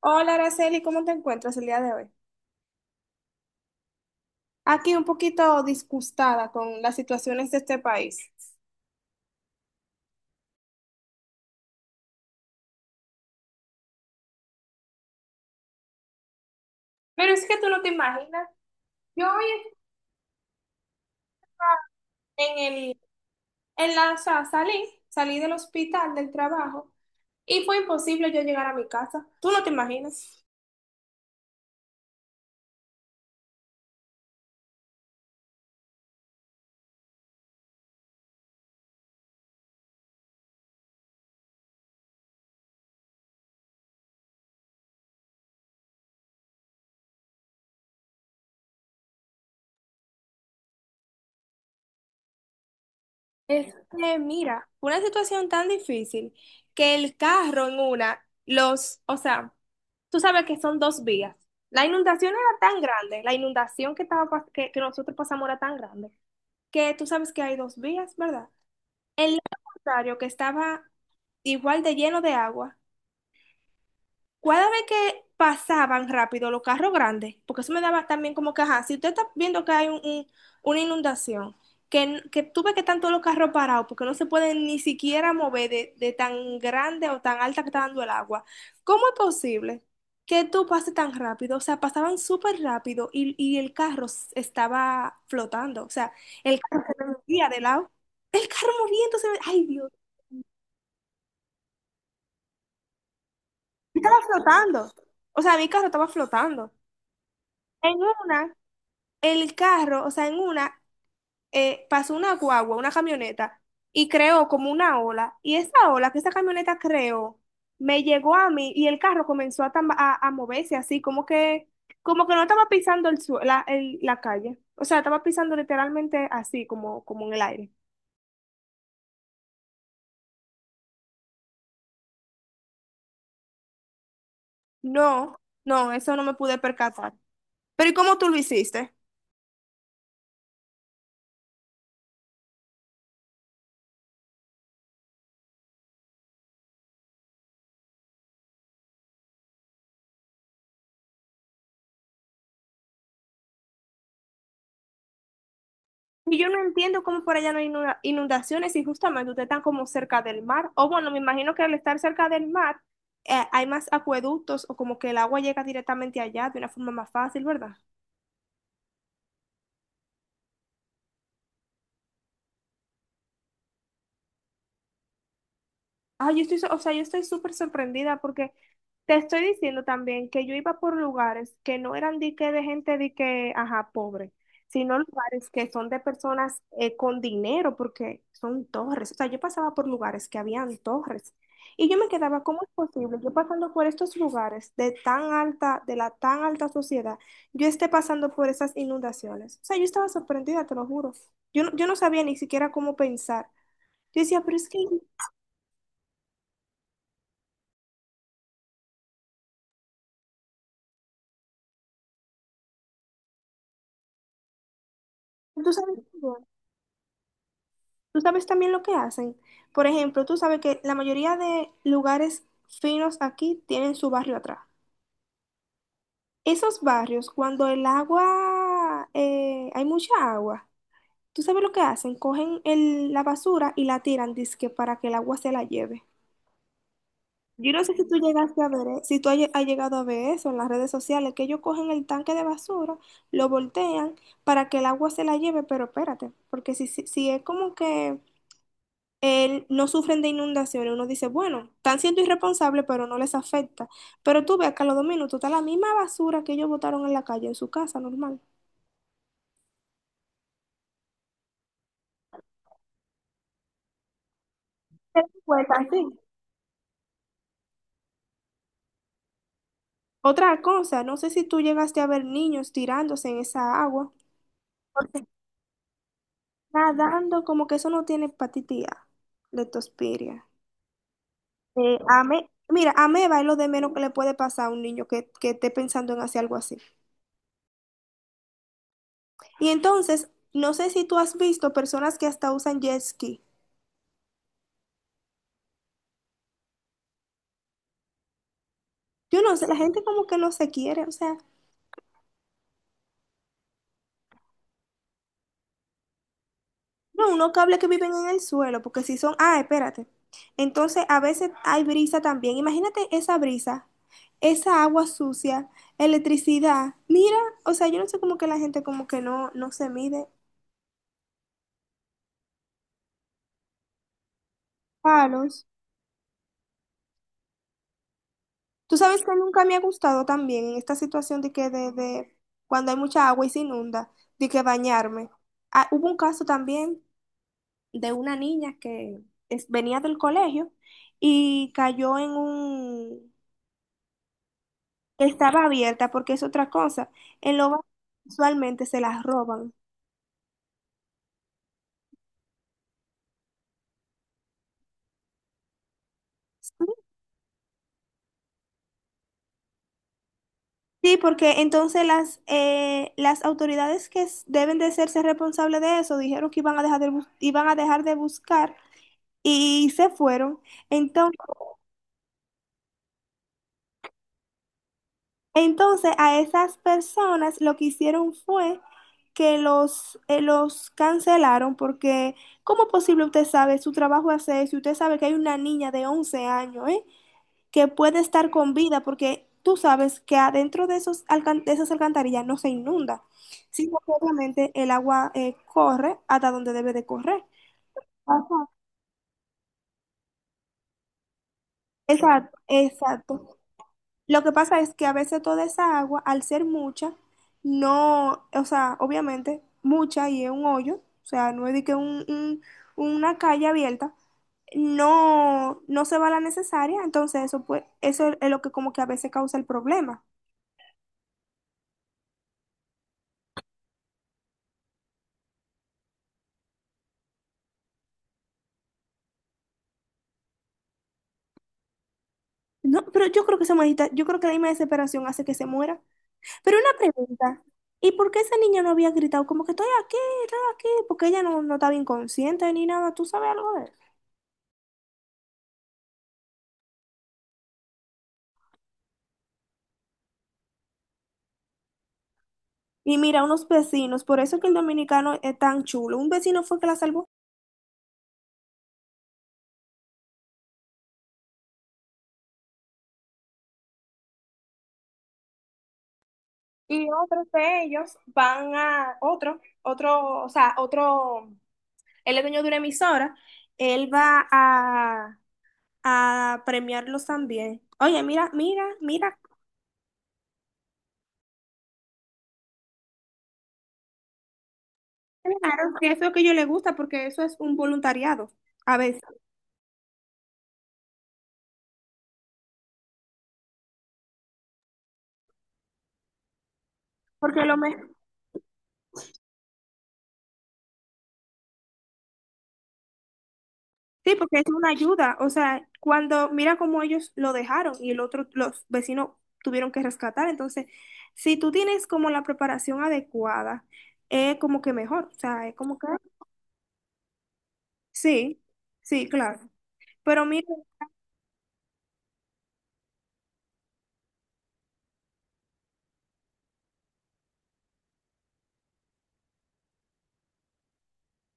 Hola, Araceli, ¿cómo te encuentras el día de hoy? Aquí un poquito disgustada con las situaciones de este país. Pero es que tú no te imaginas. Yo hoy en el, en la, o sea, salí del hospital, del trabajo, y fue imposible yo llegar a mi casa. Tú no te imaginas. Es que, mira, fue una situación tan difícil que el carro o sea, tú sabes que son dos vías. La inundación era tan grande, la inundación que, nosotros pasamos era tan grande que tú sabes que hay dos vías, ¿verdad? El lado contrario, que estaba igual de lleno de agua, cada vez que pasaban rápido los carros grandes, porque eso me daba también como que, ajá, si usted está viendo que hay una inundación, que tú ves que están todos los carros parados, porque no se pueden ni siquiera mover de tan grande o tan alta que está dando el agua, ¿cómo es posible que tú pases tan rápido? O sea, pasaban súper rápido y el carro estaba flotando, o sea, el día de lado. El carro moviendo, ay, Dios, estaba flotando. O sea, mi carro estaba flotando. En una, el carro, o sea, en una, pasó una guagua, una camioneta, y creó como una ola. Y esa ola que esa camioneta creó me llegó a mí y el carro comenzó a moverse así, como que no estaba pisando el sue- la, el- la calle. O sea, estaba pisando literalmente así, como, como en el aire. No, no, eso no me pude percatar. Pero ¿y cómo tú lo hiciste? Y yo no entiendo cómo por allá no hay inundaciones y justamente ustedes están como cerca del mar. O bueno, me imagino que al estar cerca del mar, hay más acueductos o como que el agua llega directamente allá de una forma más fácil, ¿verdad? Ah, yo estoy, o sea, yo estoy súper sorprendida porque te estoy diciendo también que yo iba por lugares que no eran de que de gente de que, ajá, pobre, sino lugares que son de personas, con dinero porque son torres. O sea, yo pasaba por lugares que habían torres y yo me quedaba, ¿cómo es posible? Yo pasando por estos lugares de la tan alta sociedad, yo esté pasando por esas inundaciones. O sea, yo estaba sorprendida, te lo juro. Yo no sabía ni siquiera cómo pensar. Yo decía, pero es que tú sabes. ¿Qué? Tú sabes también lo que hacen. Por ejemplo, tú sabes que la mayoría de lugares finos aquí tienen su barrio atrás. Esos barrios, cuando el agua, hay mucha agua, tú sabes lo que hacen, cogen la basura y la tiran, dizque para que el agua se la lleve. Yo no sé si tú llegaste a ver, si tú has llegado a ver eso en las redes sociales, que ellos cogen el tanque de basura, lo voltean para que el agua se la lleve, pero espérate, porque si es como que, no sufren de inundaciones. Uno dice, bueno, están siendo irresponsables, pero no les afecta. Pero tú ves que a los dos minutos está la misma basura que ellos botaron en la calle, en su casa, normal. ¿Te das cuenta? Sí. Otra cosa, no sé si tú llegaste a ver niños tirándose en esa agua. Porque nadando como que eso no tiene hepatitis A, leptospiria. Mira, ameba es lo de menos que le puede pasar a un niño que esté pensando en hacer algo así. Y entonces, no sé si tú has visto personas que hasta usan jet ski. Yo no sé, la gente como que no se quiere, o sea, no, unos cables que viven en el suelo, porque si son, ah, espérate. Entonces, a veces hay brisa también. Imagínate esa brisa, esa agua sucia, electricidad. Mira, o sea, yo no sé como que la gente como que no, no se mide. Palos. Tú sabes que nunca me ha gustado también en esta situación de que de cuando hay mucha agua y se inunda, de que bañarme. Ah, hubo un caso también de una niña que venía del colegio y cayó en un... que estaba abierta porque es otra cosa. En lo usualmente se las roban. Sí, porque entonces las autoridades que deben de hacerse responsables de eso dijeron que iban a dejar de iban a dejar de buscar y se fueron. Entonces, entonces, a esas personas lo que hicieron fue que los cancelaron porque, ¿cómo es posible usted sabe su trabajo hace eso? Y usted sabe que hay una niña de 11 años, ¿eh? Que puede estar con vida porque tú sabes que adentro de esos de esas alcantarillas no se inunda, sino que obviamente el agua, corre hasta donde debe de correr. Ajá. Exacto, exacto. Lo que pasa es que a veces toda esa agua, al ser mucha, no, o sea, obviamente mucha y es un hoyo, o sea, no es de que una calle abierta, no, no se va la necesaria, entonces eso pues, eso es lo que como que a veces causa el problema. No, pero yo creo que esa manita, yo creo que la misma desesperación hace que se muera. Pero una pregunta, ¿y por qué esa niña no había gritado como que estoy aquí, estoy aquí? Porque ella no, no estaba inconsciente ni nada, ¿tú sabes algo de eso? Y mira, unos vecinos, por eso es que el dominicano es tan chulo. Un vecino fue que la salvó. Y otros de ellos van a otro, él es dueño de una emisora, él va a premiarlos también. Oye, mira, claro que eso es lo que yo le gusta porque eso es un voluntariado a veces. Porque lo, me- Sí, porque es una ayuda. O sea, cuando mira cómo ellos lo dejaron y el otro, los vecinos tuvieron que rescatar. Entonces, si tú tienes como la preparación adecuada, es como que mejor. O sea, es como que sí, sí, claro. Pero mira,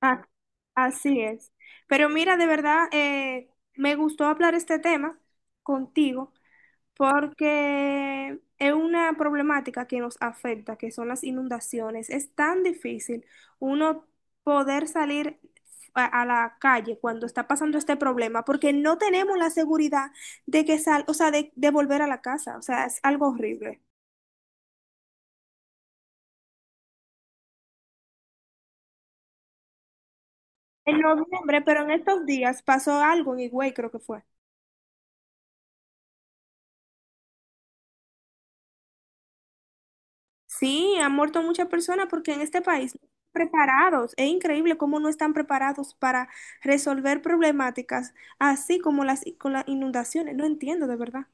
ah, así es. Pero mira, de verdad, me gustó hablar este tema contigo. Porque es una problemática que nos afecta, que son las inundaciones. Es tan difícil uno poder salir a la calle cuando está pasando este problema, porque no tenemos la seguridad de que sal, o sea, de volver a la casa. O sea, es algo horrible. En noviembre, pero en estos días pasó algo en Higüey, creo que fue. Sí, han muerto muchas personas porque en este país no están preparados. Es increíble cómo no están preparados para resolver problemáticas, así como con las inundaciones. No entiendo de verdad.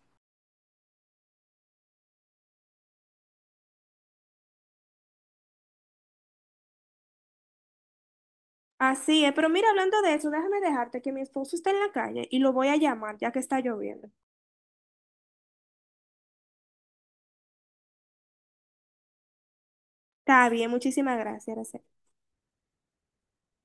Así es, pero mira, hablando de eso, déjame dejarte que mi esposo está en la calle y lo voy a llamar ya que está lloviendo. Está bien, muchísimas gracias, Araceli.